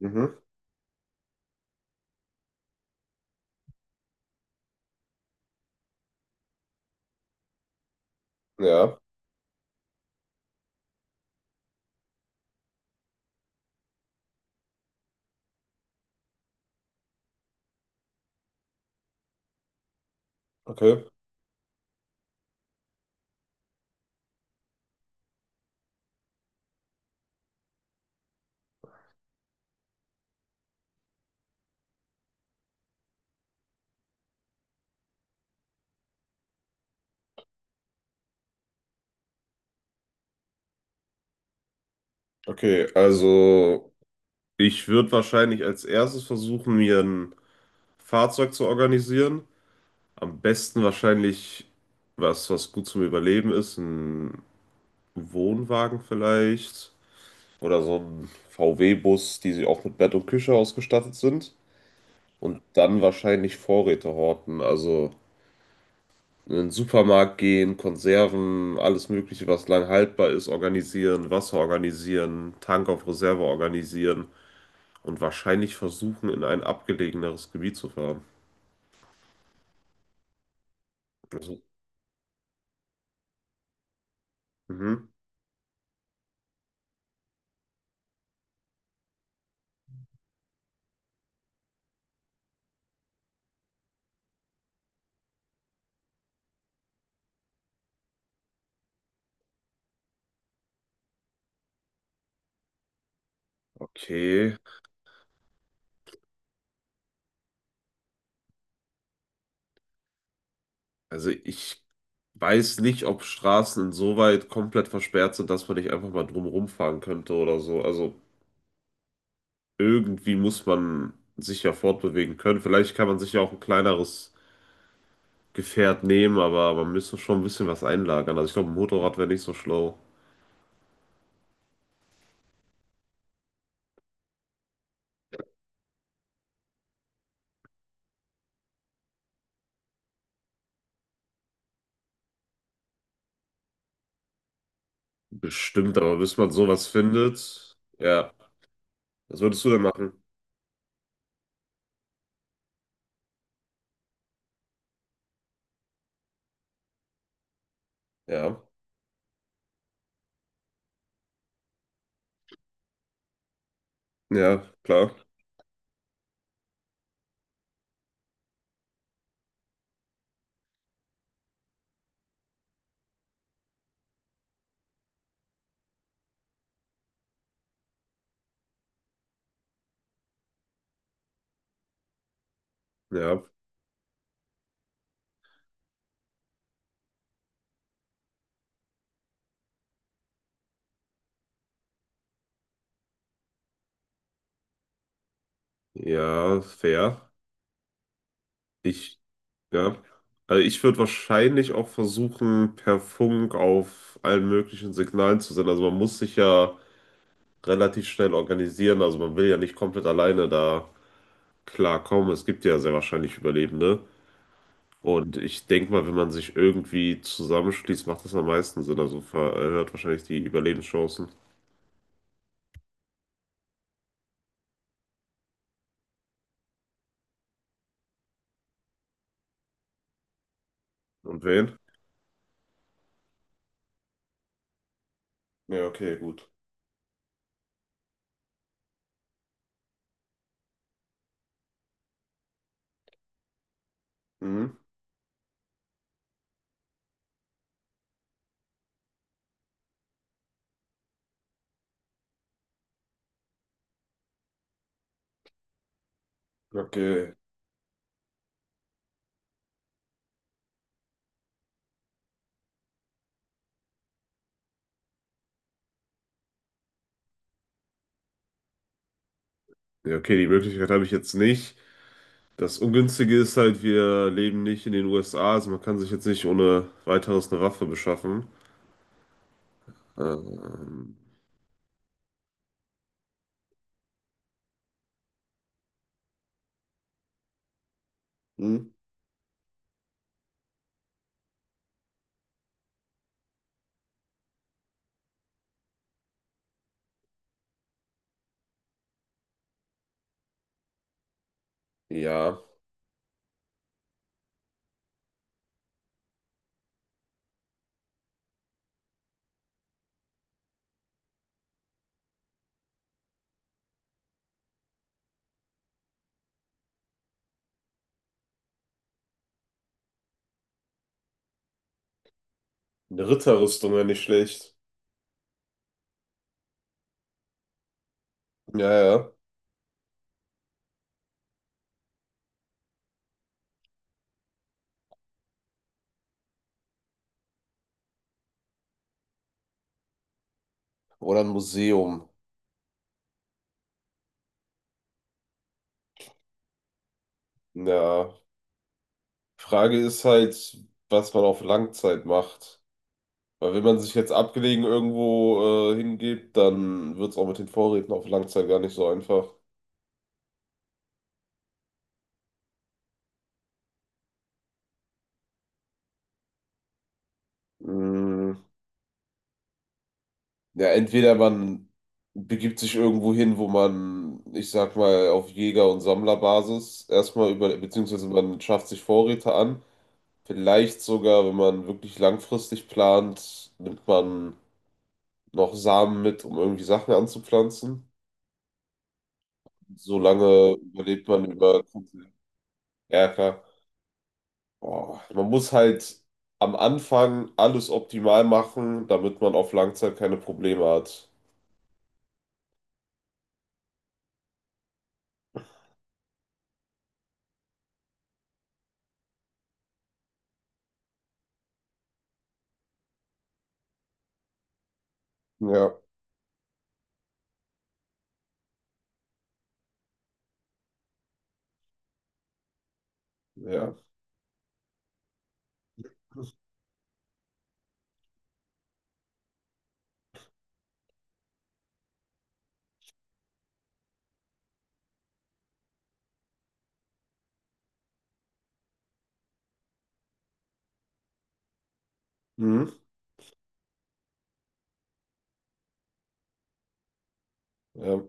Mhm. Ja, okay. Okay, also ich würde wahrscheinlich als erstes versuchen, mir ein Fahrzeug zu organisieren. Am besten wahrscheinlich was gut zum Überleben ist, ein Wohnwagen vielleicht oder so ein VW-Bus, die sie auch mit Bett und Küche ausgestattet sind. Und dann wahrscheinlich Vorräte horten, also in den Supermarkt gehen, Konserven, alles Mögliche, was lang haltbar ist, organisieren, Wasser organisieren, Tank auf Reserve organisieren. Und wahrscheinlich versuchen, in ein abgelegeneres Gebiet zu fahren. Also, mhm. Okay. Also ich weiß nicht, ob Straßen insoweit komplett versperrt sind, dass man nicht einfach mal drumherum fahren könnte oder so. Also irgendwie muss man sich ja fortbewegen können. Vielleicht kann man sich ja auch ein kleineres Gefährt nehmen, aber man müsste schon ein bisschen was einlagern. Also ich glaube, ein Motorrad wäre nicht so schlau. Bestimmt, aber bis man sowas findet, ja. Was würdest du denn machen? Ja. Ja, klar. Ja. Ja, fair. Ich, ja. Also ich würde wahrscheinlich auch versuchen, per Funk auf allen möglichen Signalen zu senden. Also man muss sich ja relativ schnell organisieren. Also man will ja nicht komplett alleine da klarkommen. Es gibt ja sehr wahrscheinlich Überlebende. Und ich denke mal, wenn man sich irgendwie zusammenschließt, macht das am meisten Sinn. Also erhöht wahrscheinlich die Überlebenschancen. Und wen? Ja, okay, gut. Mhm. Okay. Ja, okay, die Möglichkeit habe ich jetzt nicht. Das Ungünstige ist halt, wir leben nicht in den USA, also man kann sich jetzt nicht ohne weiteres eine Waffe beschaffen. Ähm, Hm? Ja, eine Ritterrüstung wäre nicht schlecht. Ja, ja. Oder ein Museum. Ja. Frage ist halt, was man auf Langzeit macht. Weil wenn man sich jetzt abgelegen irgendwo hingibt, dann wird es auch mit den Vorräten auf Langzeit gar nicht so einfach. Mm, ja, entweder man begibt sich irgendwo hin, wo man, ich sag mal, auf Jäger- und Sammlerbasis erstmal über, beziehungsweise man schafft sich Vorräte an. Vielleicht sogar, wenn man wirklich langfristig plant, nimmt man noch Samen mit, um irgendwie Sachen anzupflanzen. Solange überlebt man über. Ja, klar. Boah, man muss halt am Anfang alles optimal machen, damit man auf Langzeit keine Probleme hat. Ja, ja. Mhm. Ja.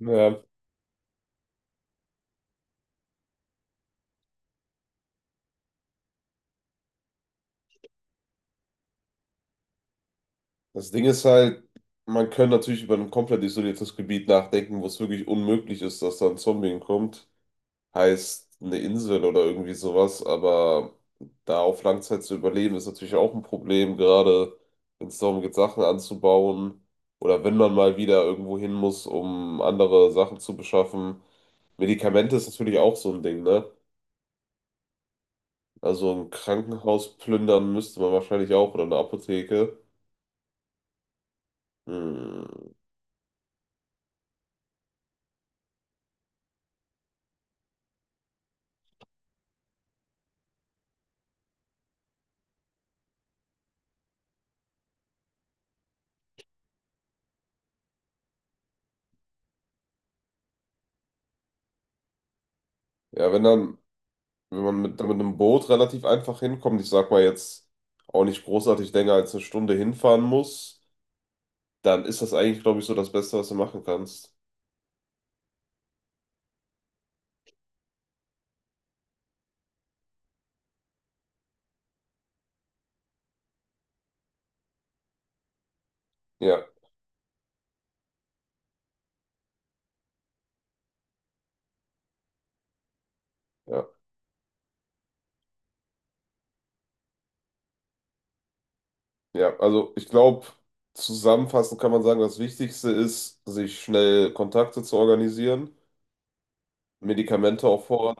Ja. Das Ding ist halt, man kann natürlich über ein komplett isoliertes Gebiet nachdenken, wo es wirklich unmöglich ist, dass da ein Zombie kommt. Heißt eine Insel oder irgendwie sowas, aber da auf Langzeit zu überleben, ist natürlich auch ein Problem, gerade wenn es darum geht, Sachen anzubauen oder wenn man mal wieder irgendwo hin muss, um andere Sachen zu beschaffen. Medikamente ist natürlich auch so ein Ding, ne? Also ein Krankenhaus plündern müsste man wahrscheinlich auch oder eine Apotheke. Hm. Ja, wenn dann. Wenn man mit einem Boot relativ einfach hinkommt, ich sag mal jetzt auch nicht großartig länger als eine Stunde hinfahren muss, dann ist das eigentlich, glaube ich, so das Beste, was du machen kannst. Ja, ja, ja. Also ich glaube, zusammenfassend kann man sagen, das Wichtigste ist, sich schnell Kontakte zu organisieren, Medikamente auf Vorrat,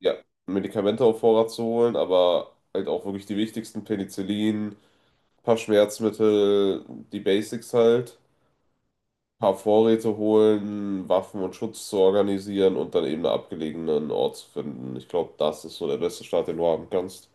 ja, Medikamente auf Vorrat zu holen, aber halt auch wirklich die wichtigsten, Penicillin, ein paar Schmerzmittel, die Basics halt. Paar Vorräte holen, Waffen und Schutz zu organisieren und dann eben einen abgelegenen Ort zu finden. Ich glaube, das ist so der beste Start, den du haben kannst.